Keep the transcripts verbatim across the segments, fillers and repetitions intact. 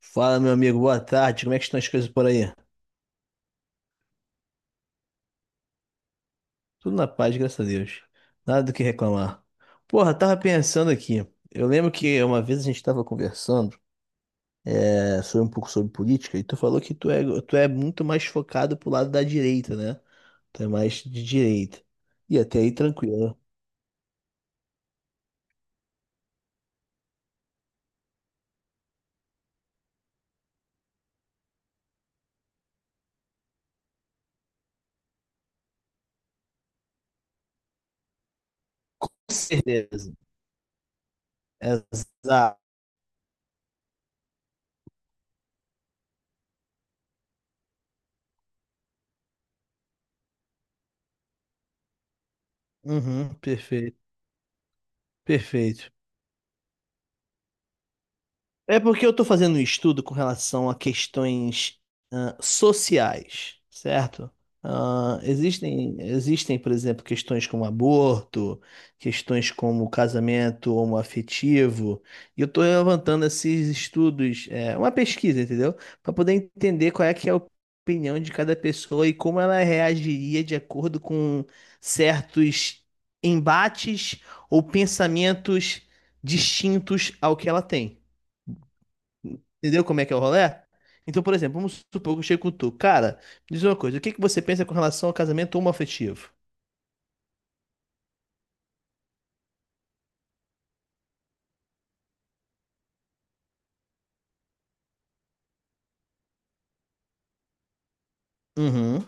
Fala, meu amigo, boa tarde. Como é que estão as coisas por aí? Tudo na paz, graças a Deus. Nada do que reclamar. Porra, tava pensando aqui. Eu lembro que uma vez a gente tava conversando, é, sobre um pouco sobre política, e tu falou que tu é, tu é muito mais focado pro lado da direita, né? Tu é mais de direita. E até aí tranquilo. Com certeza. Exato. Uhum, perfeito. Perfeito. É porque eu estou fazendo um estudo com relação a questões ah, sociais, certo? Ah, existem, existem, por exemplo, questões como aborto, questões como casamento homoafetivo, e eu estou levantando esses estudos, é, uma pesquisa, entendeu? Para poder entender qual é que é a opinião de cada pessoa e como ela reagiria de acordo com certos embates ou pensamentos distintos ao que ela tem. Entendeu como é que é o rolê? Então, por exemplo, vamos supor que eu chego com tu. Cara, me diz uma coisa, o que que você pensa com relação ao casamento homoafetivo? Uhum.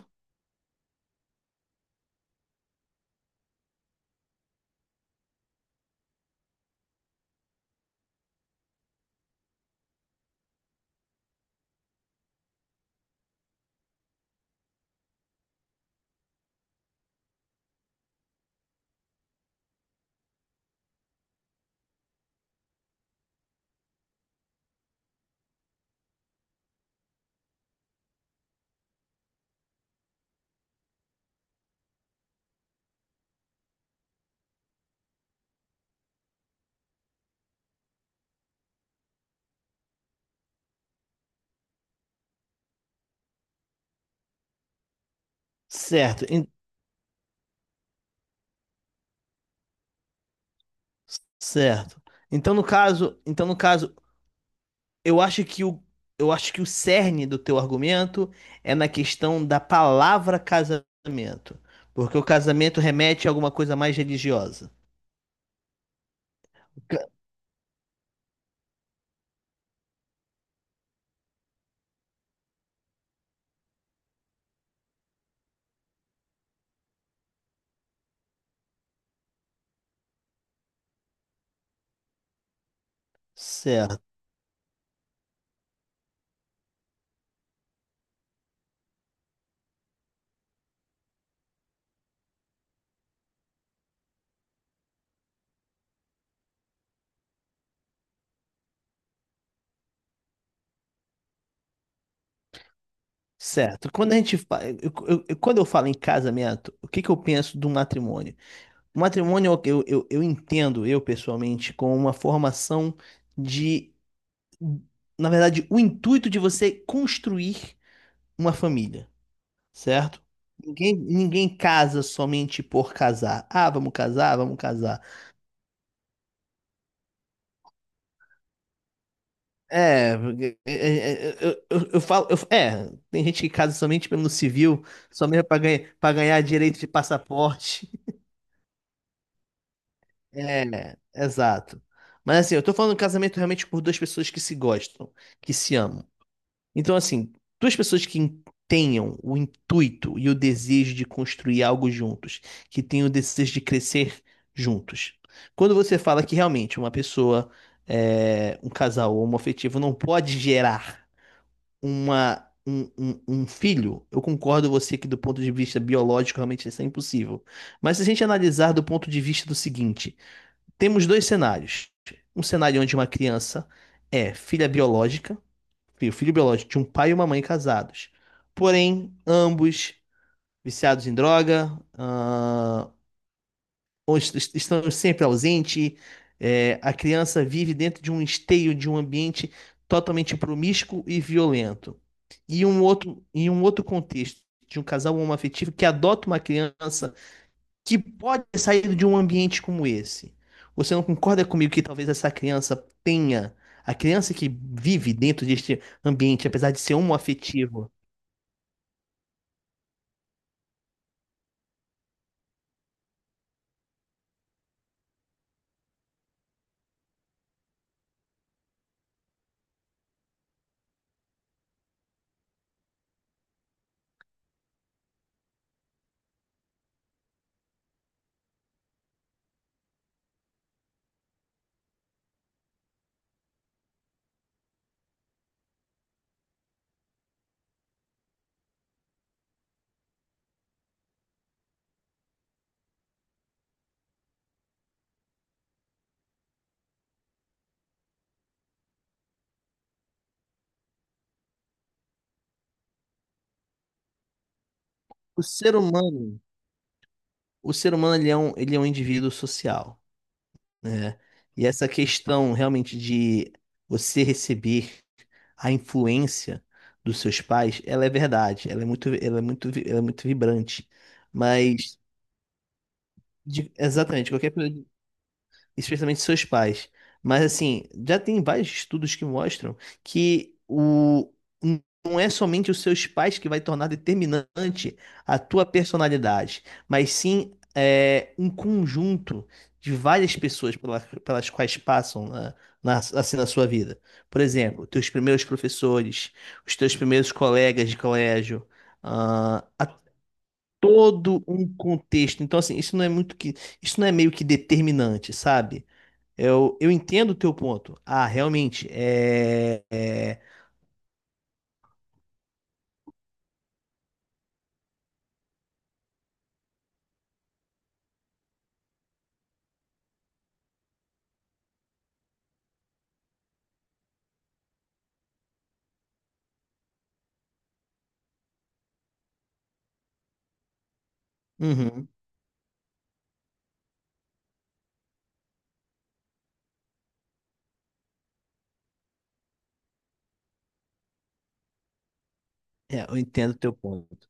Certo, en- certo. Então, no caso, então no caso, eu acho que o eu acho que o cerne do teu argumento é na questão da palavra casamento, porque o casamento remete a alguma coisa mais religiosa. Ca- Certo, certo. Quando a gente fa... eu- eu- eu- quando eu falo em casamento, o que que eu penso do matrimônio? O matrimônio, eu, eu, eu entendo, eu pessoalmente, como uma formação de, na verdade, o intuito de você construir uma família, certo? Ninguém, ninguém casa somente por casar. Ah, vamos casar, vamos casar. É, porque- é, é, é, eu, eu, eu falo, eu- é, tem gente que casa somente pelo civil, somente para ganhar, para ganhar direito de passaporte. É, exato. Mas assim, eu tô falando de casamento realmente por duas pessoas que se gostam, que se amam. Então, assim, duas pessoas que in- tenham o intuito e o desejo de construir algo juntos, que tenham o desejo de crescer juntos. Quando você fala que realmente uma pessoa, é, um casal homoafetivo não pode gerar uma, um, um- um filho, eu concordo com você que do ponto de vista biológico realmente isso é impossível. Mas se a gente analisar do ponto de vista do seguinte, temos dois cenários. Um cenário onde uma criança é filha biológica, o filho biológico de um pai e uma mãe casados. Porém, ambos viciados em droga, ah, ou est- est- estão sempre ausentes. É, a criança vive dentro de um esteio, de um ambiente totalmente promíscuo e violento. E um outro, em um outro contexto, de um casal homoafetivo que adota uma criança que pode ter saído de um ambiente como esse. Você não concorda comigo que talvez essa criança tenha, a criança que vive dentro deste ambiente, apesar de ser homoafetivo, o ser humano, o ser humano ele é um, ele é um indivíduo social, né? E essa questão realmente de você receber a influência dos seus pais, ela é verdade, ela é muito, ela é muito, ela é muito vibrante. Mas de- exatamente, qualquer coisa especialmente seus pais. Mas assim, já tem vários estudos que mostram que o n- não é somente os seus pais que vai tornar determinante a tua personalidade, mas sim é, um conjunto de várias pessoas pela- pelas quais passam na, na, assim, na sua vida. Por exemplo, teus primeiros professores, os teus primeiros colegas de colégio, ah, a todo um contexto. Então, assim, isso não é muito que, isso não é meio que determinante, sabe? Eu, eu entendo o teu ponto. Ah, realmente, é, é, uhum, é, eu entendo o teu ponto.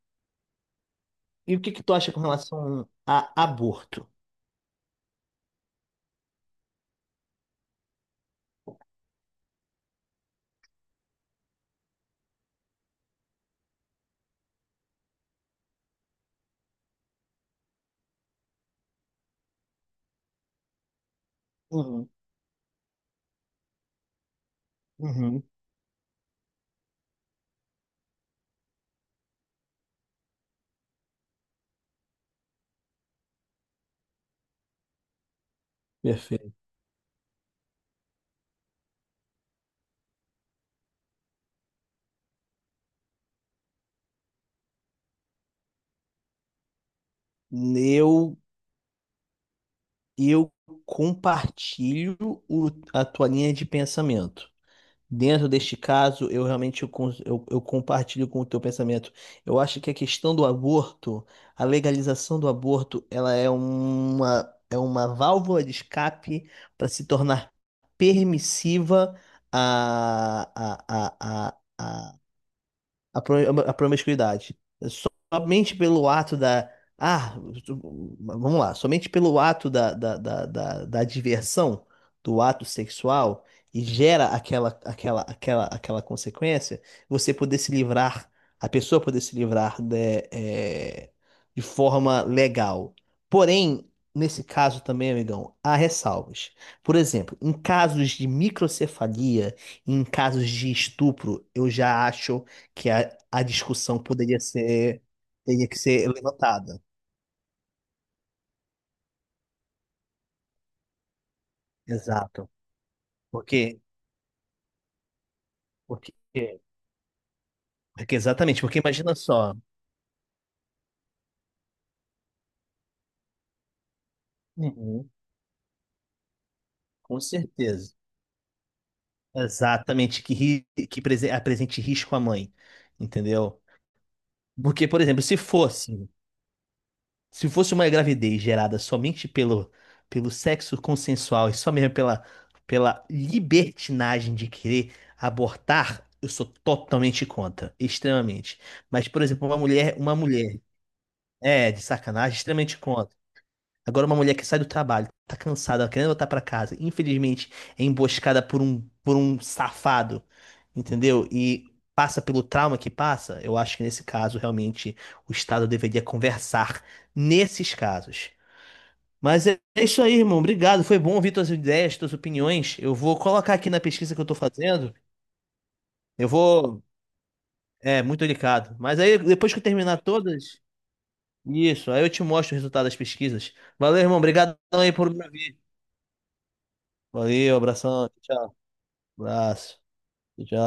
E o que que tu acha com relação a aborto? Uhum, uhum, perfeito. Eu, eu compartilho o- a tua linha de pensamento. Dentro deste caso, eu realmente eu, cons- eu, eu compartilho com o teu pensamento. Eu acho que a questão do aborto, a legalização do aborto, ela é uma, é uma válvula de escape para se tornar permissiva a, a, a, a, a, pro- a promiscuidade. Somente pelo ato da. Ah, tu- vamos lá. Somente pelo ato da, da, da, da, da diversão, do ato sexual, e gera aquela, aquela, aquela, aquela consequência, você poder se livrar, a pessoa poder se livrar de, é, de forma legal. Porém, nesse caso também, amigão, há ressalvas. Por exemplo, em casos de microcefalia, em casos de estupro, eu já acho que a, a discussão poderia ser, teria que ser levantada. Exato. Porque, porque, porque exatamente, porque imagina só. Uhum. Com certeza. Exatamente, que, ri- que prese- apresente risco à mãe, entendeu? Porque, por exemplo, se fosse, se fosse uma gravidez gerada somente pelo, pelo sexo consensual e só mesmo pela, pela libertinagem de querer abortar, eu sou totalmente contra, extremamente. Mas, por exemplo, uma mulher, uma mulher, é, de sacanagem, extremamente contra. Agora uma mulher que sai do trabalho, tá cansada, querendo voltar pra casa, infelizmente é emboscada por um por um safado, entendeu? E passa pelo trauma que passa, eu acho que nesse caso realmente o Estado deveria conversar nesses casos. Mas é é isso aí, irmão. Obrigado. Foi bom ouvir tuas ideias, tuas opiniões. Eu vou colocar aqui na pesquisa que eu tô fazendo. Eu vou. É, muito delicado. Mas aí, depois que eu terminar todas, isso, aí eu te mostro o resultado das pesquisas. Valeu, irmão. Obrigadão aí por me ouvir. Valeu, abração. Tchau. Abraço. Tchau.